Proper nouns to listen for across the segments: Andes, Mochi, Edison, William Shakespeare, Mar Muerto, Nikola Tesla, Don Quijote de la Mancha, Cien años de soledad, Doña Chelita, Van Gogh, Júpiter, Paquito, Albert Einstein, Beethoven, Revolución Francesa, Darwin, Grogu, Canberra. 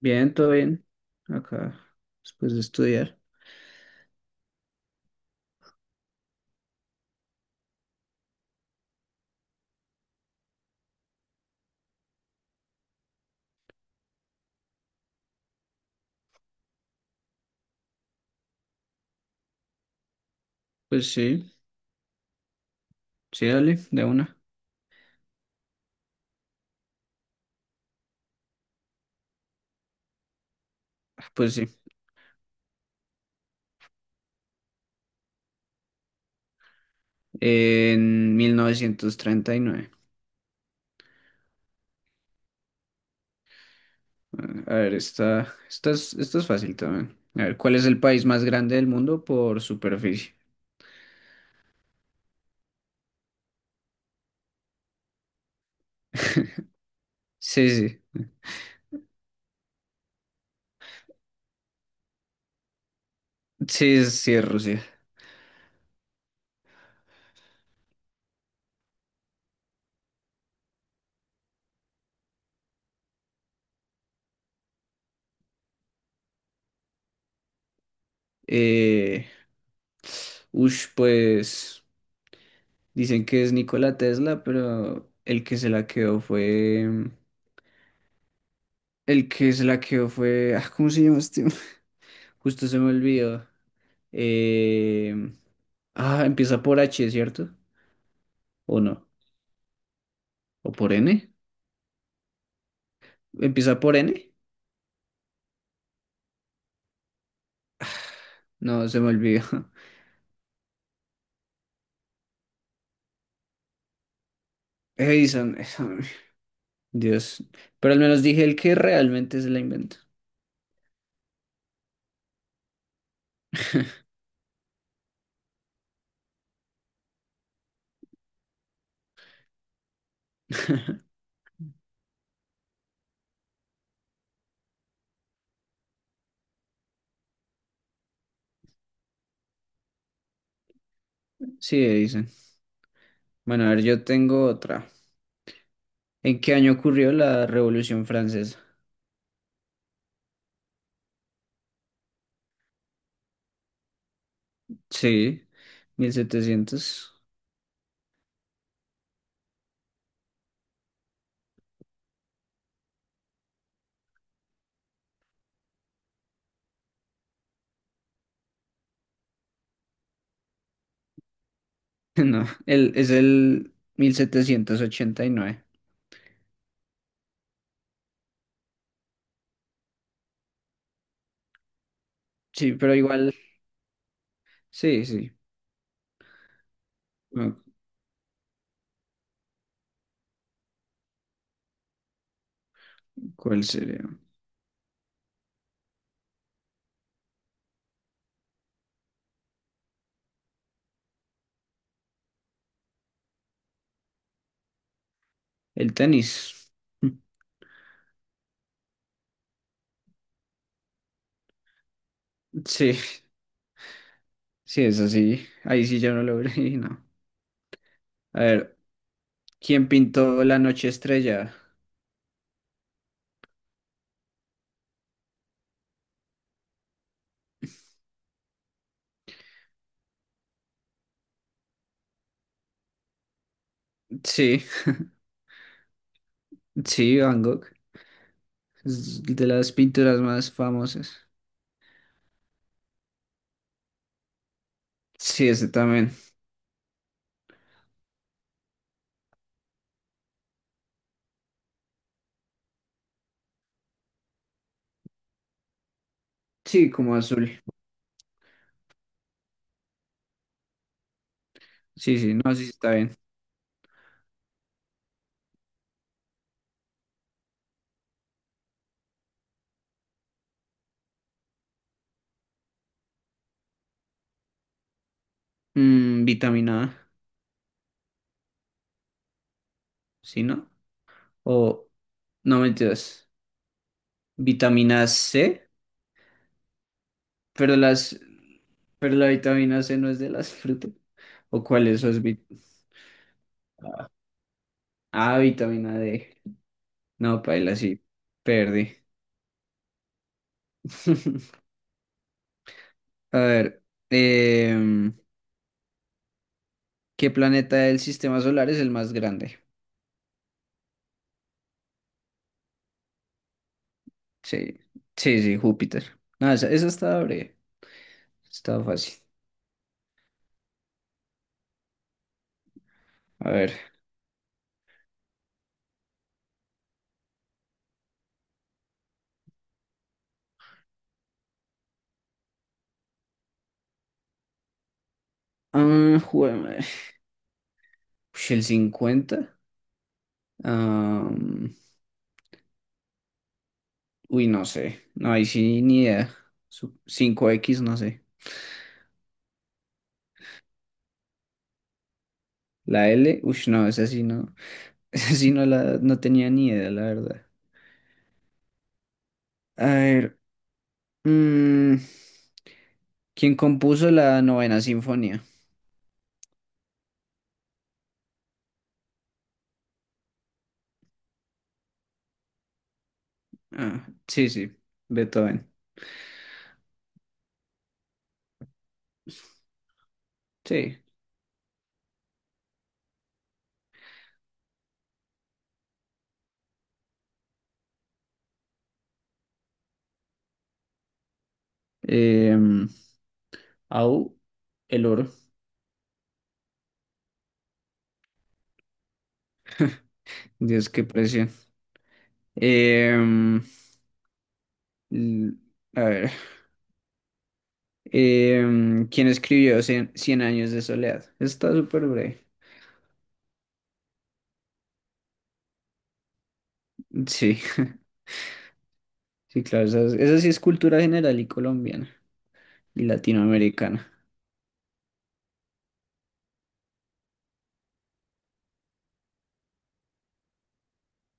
Bien, todo bien. Acá, después de estudiar. Pues sí, sí, dale, de una. Ah, pues sí, en 1939. A ver, esta es fácil también. A ver, ¿cuál es el país más grande del mundo por superficie? Sí, sí, sí, sí, es Rusia. Eh, ush, pues dicen que es Nikola Tesla, pero el que se la quedó fue. El que se la quedó fue. Ah, ¿cómo se llama este? Justo se me olvidó. Eh, ah, empieza por H, ¿cierto? ¿O no? ¿O por N? ¿Empieza por N? No, se me olvidó. Edison, Edison, Dios. Pero al menos dije el que realmente se la inventó. Sí, Edison. Bueno, a ver, yo tengo otra. ¿En qué año ocurrió la Revolución Francesa? Sí, 1700. No, es el 1789. Sí, pero igual, sí, sí. Ah, ¿cuál sería? El tenis. Sí, sí, eso sí. Ahí sí yo no lo vi, no. A ver, ¿quién pintó La Noche Estrella? Sí, sí, Van Gogh. Es de las pinturas más famosas. Sí, ese también. Sí, como azul. Sí, sí, no, sí sí, está bien. Vitamina A, ¿sí, no? O, no mentiras, vitamina C, pero las, pero la vitamina C no es de las frutas. ¿O cuál es? Eso es ah, vitamina D. No, paila, sí, perdí. A ver, em, ¿qué planeta del sistema solar es el más grande? Sí, sí, sí, Júpiter. No, esa estaba breve, estaba fácil. A ver, ah, ush, ¿el 50? Ah, uy, no sé, no, ahí sí ni idea. 5X, no sé. La L, uy, no, esa sí no, esa sí no, no tenía ni idea, la verdad. A ver, mm, ¿quién compuso la novena sinfonía? Ah, sí, sí, Beethoven. Sí. Em, Au, el oro. Dios, qué precio. Em, l- a ver. ¿Quién escribió Cien años de soledad? Está súper breve. Sí, sí, claro. Esa sí es cultura general y colombiana y latinoamericana.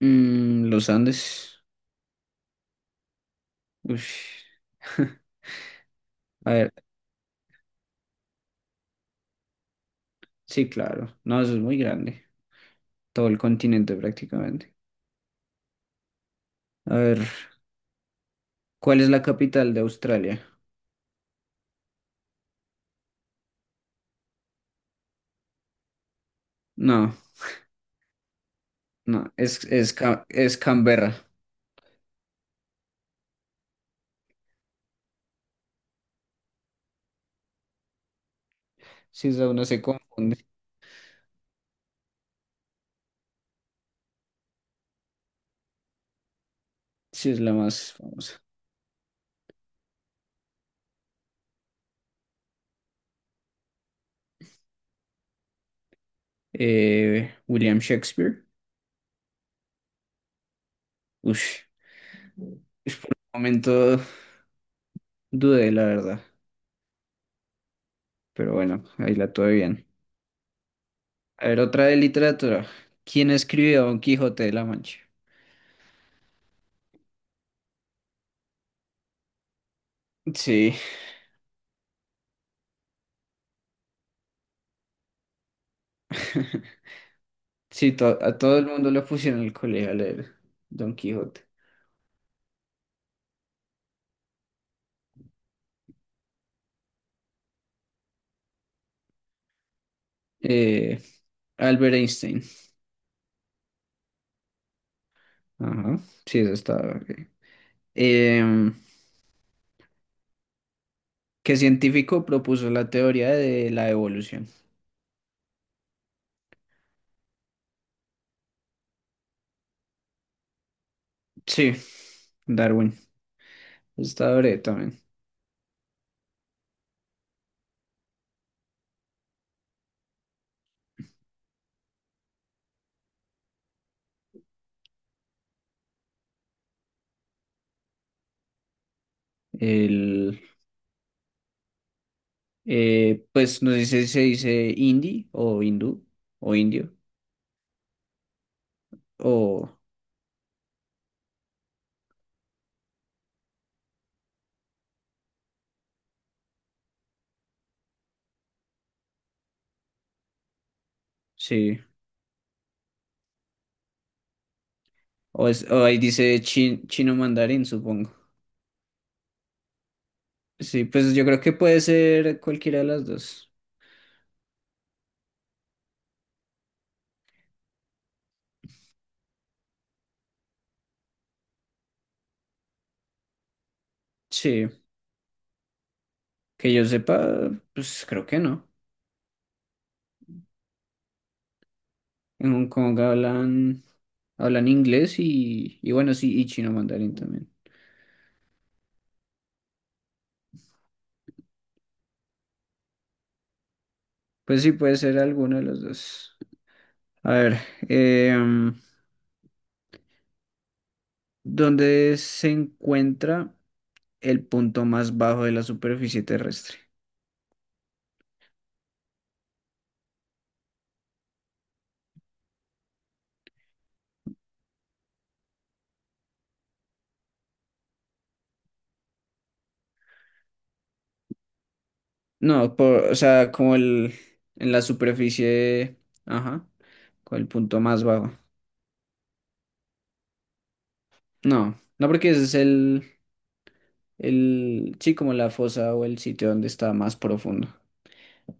Los Andes. Ush. A ver, sí, claro. No, eso es muy grande. Todo el continente prácticamente. A ver, ¿cuál es la capital de Australia? No. No, es Canberra. Si esa uno se confunde, si es la más famosa. William Shakespeare. Ush, ush, por un momento dudé, la verdad. Pero bueno, ahí la tuve bien. A ver, otra de literatura. ¿Quién escribió Don Quijote de la Mancha? Sí, sí, a todo el mundo le pusieron el colegio a leer Don Quijote. Eh, Albert Einstein. Ajá, sí, eso estaba. Ok. Em, ¿Qué científico propuso la teoría de la evolución? Sí, Darwin. Está breve también. El, pues no sé si se dice hindi o hindú o indio o sí. O ahí dice chino mandarín, supongo. Sí, pues yo creo que puede ser cualquiera de las dos. Sí, que yo sepa, pues creo que no. En Hong Kong hablan inglés y bueno, sí, y chino mandarín también. Pues sí, puede ser alguno de los dos. A ver, em, ¿dónde se encuentra el punto más bajo de la superficie terrestre? No, o sea, en la superficie, ajá, con el punto más bajo. No, no porque ese es el, sí, como la fosa o el sitio donde está más profundo.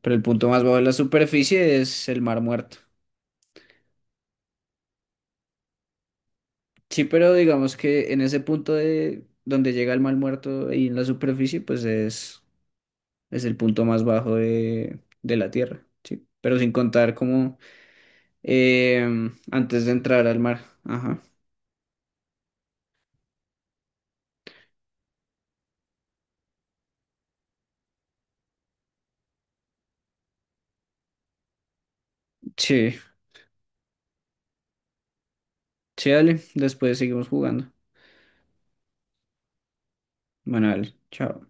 Pero el punto más bajo de la superficie es el Mar Muerto. Sí, pero digamos que en ese punto de donde llega el Mar Muerto y en la superficie, pues es. Es el punto más bajo de la Tierra, sí. Pero sin contar como antes de entrar al mar. Ajá. Sí, sí, dale. Después seguimos jugando. Bueno, dale. Chao.